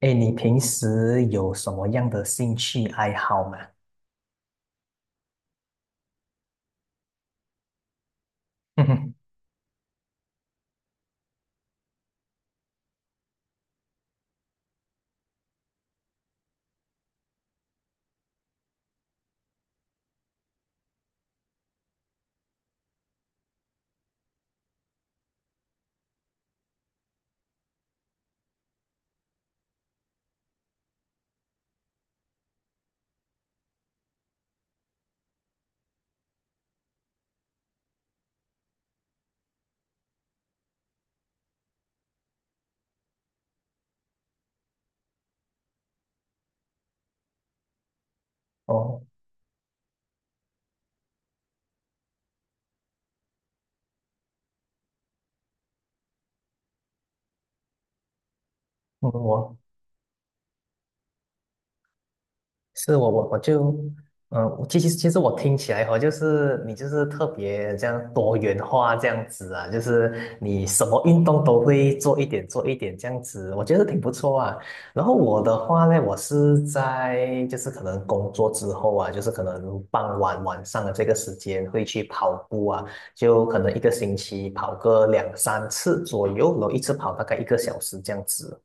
哎，你平时有什么样的兴趣爱好吗？哦，嗯我是我我我就，其实我听起来哈，就是你就是特别这样多元化这样子啊，就是你什么运动都会做一点做一点这样子，我觉得挺不错啊。然后我的话呢，我是在就是可能工作之后啊，就是可能傍晚晚上的这个时间会去跑步啊，就可能一个星期跑个两三次左右，然后一次跑大概一个小时这样子。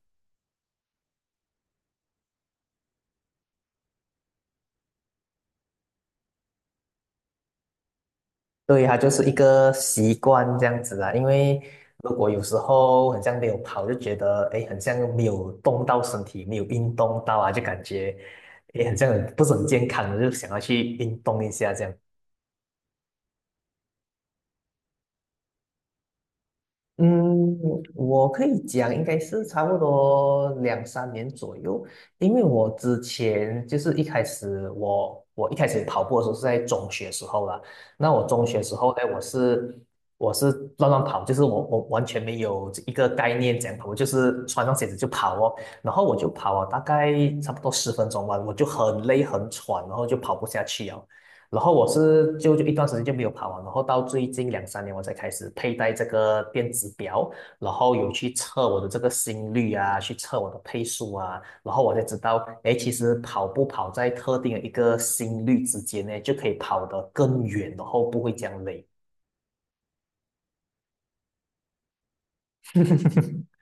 对，它就是一个习惯这样子啦。因为如果有时候很像没有跑，就觉得哎，诶很像没有动到身体，没有运动到啊，就感觉哎，诶很像很不是很健康的，就想要去运动一下这样。嗯，我可以讲，应该是差不多两三年左右，因为我之前就是一开始跑步的时候是在中学时候啦，那我中学时候呢，我是乱乱跑，就是我完全没有一个概念怎样跑，我就是穿上鞋子就跑哦，然后我就跑了大概差不多十分钟吧，我就很累很喘，然后就跑不下去了。然后我是就一段时间就没有跑完，然后到最近两三年我才开始佩戴这个电子表，然后有去测我的这个心率啊，去测我的配速啊，然后我才知道，哎，其实跑步跑在特定的一个心率之间呢，就可以跑得更远，然后不会这样累。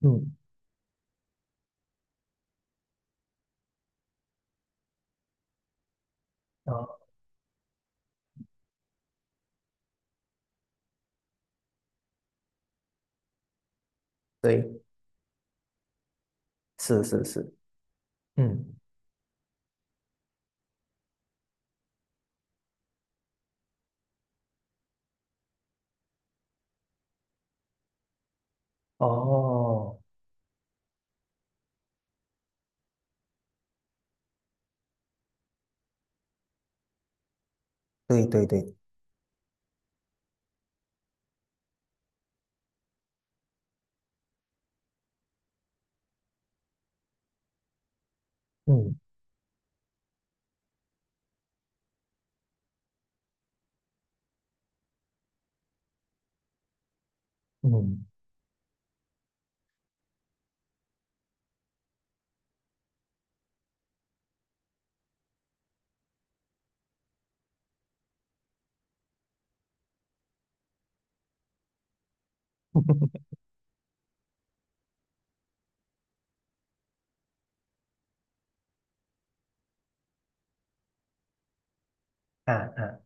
嗯，哦，对，是是是，嗯，嗯，哦，对对对，嗯嗯。啊啊。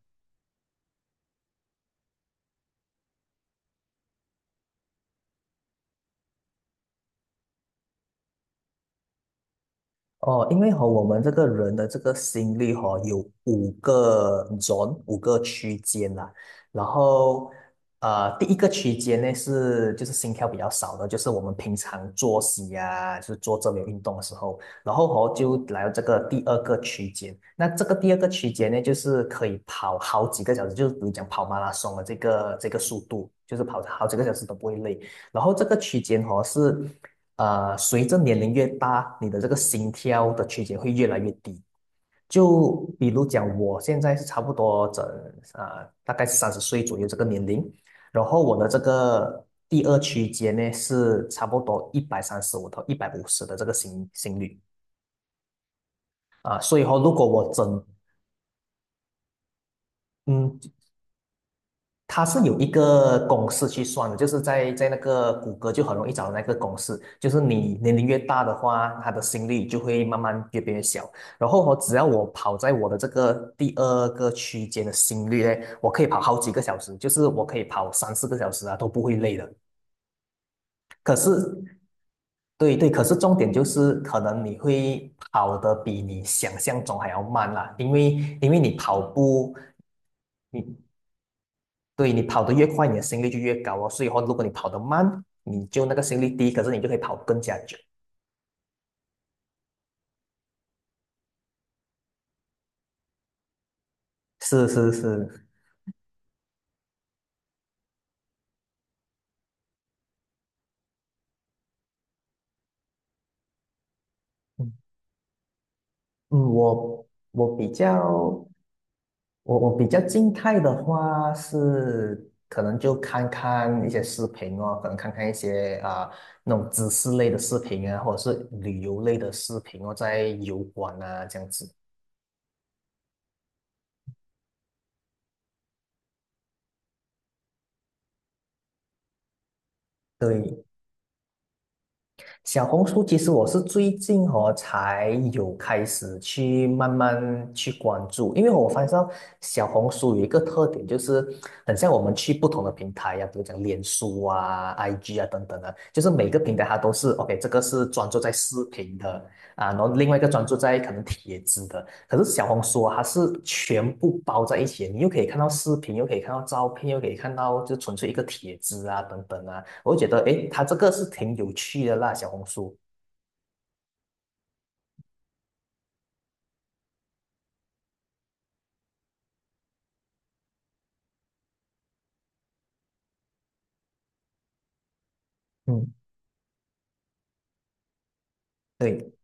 哦，因为和我们这个人的这个心率哈、有五个 zone，五个区间啦。然后，第一个区间呢是就是心跳比较少的，就是我们平常作息啊，就是做这类运动的时候。然后哦，就来到这个第二个区间。那这个第二个区间呢，就是可以跑好几个小时，就是比如讲跑马拉松的这个速度，就是跑好几个小时都不会累。然后这个区间哦是。随着年龄越大，你的这个心跳的区间会越来越低。就比如讲，我现在是差不多大概三十岁左右这个年龄，然后我的这个第二区间呢是差不多一百三十五到一百五十的这个心率啊、所以说如果我整嗯它是有一个公式去算的，就是在那个谷歌就很容易找到那个公式，就是你年龄越大的话，他的心率就会慢慢越变越小。然后我只要我跑在我的这个第二个区间的心率呢，我可以跑好几个小时，就是我可以跑三四个小时啊，都不会累的。可是，对对，可是重点就是可能你会跑得比你想象中还要慢啦，因为你跑步。你对，你跑得越快，你的心率就越高哦。所以话，如果你跑得慢，你就那个心率低，可是你就可以跑更加久。是是是，嗯嗯，我比较我比较静态的话是，可能就看看一些视频哦，可能看看一些啊、那种知识类的视频啊，或者是旅游类的视频哦，在油管啊这样子。对，小红书其实我是最近哦才有开始去慢慢去关注，因为我发现到小红书有一个特点，就是很像我们去不同的平台呀、比如讲脸书啊、IG 啊等等啊，就是每个平台它都是 OK，这个是专注在视频的啊，然后另外一个专注在可能帖子的，可是小红书啊它是全部包在一起的你又可以看到视频，又可以看到照片，又可以看到就纯粹一个帖子啊等等啊。我觉得诶，它这个是挺有趣的啦，小红书。嗯对，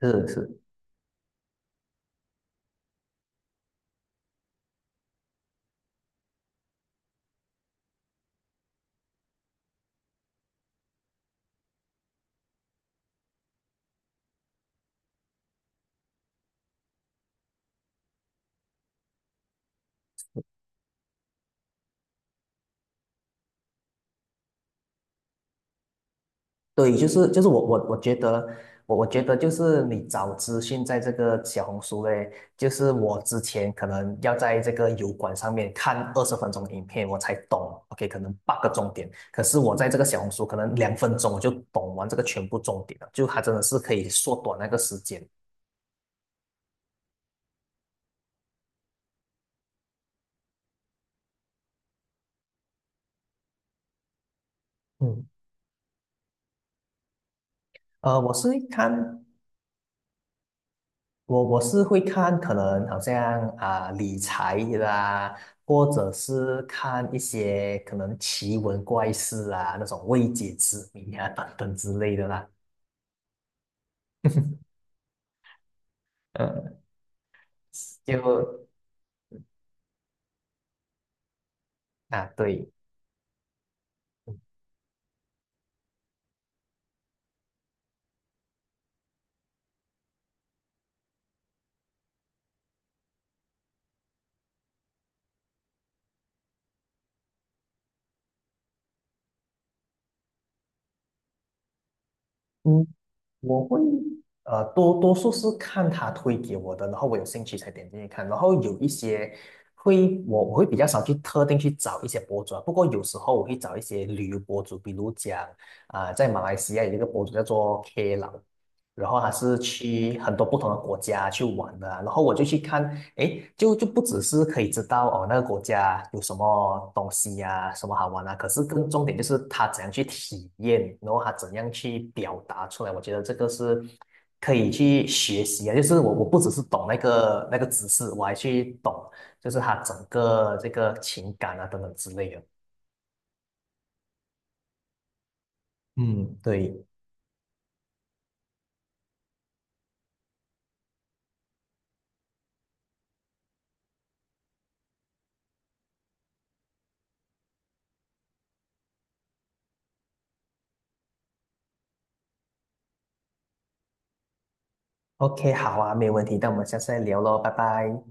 是是，对，就是我觉得就是你找资讯在这个小红书嘞，就是我之前可能要在这个油管上面看二十分钟的影片，我才懂，OK，可能八个重点，可是我在这个小红书可能两分钟我就懂完这个全部重点了，就它真的是可以缩短那个时间。嗯呃，我是看我是会看，可能好像啊、理财啦，或者是看一些可能奇闻怪事啊，那种未解之谜啊等等之类的啦。嗯，就啊对，嗯，我会多数是看他推给我的，然后我有兴趣才点进去看，然后有一些会我会比较少去特定去找一些博主啊，不过有时候我会找一些旅游博主，比如讲啊、在马来西亚有一个博主叫做 K 老。然后他是去很多不同的国家去玩的啊然后我就去看，诶，就不只是可以知道哦那个国家有什么东西呀、什么好玩啊，可是更重点就是他怎样去体验，然后他怎样去表达出来，我觉得这个是可以去学习啊，就是我不只是懂那个知识，我还去懂就是他整个这个情感啊等等之类的。嗯，对，OK，好啊，没有问题，那我们下次再聊喽，拜拜。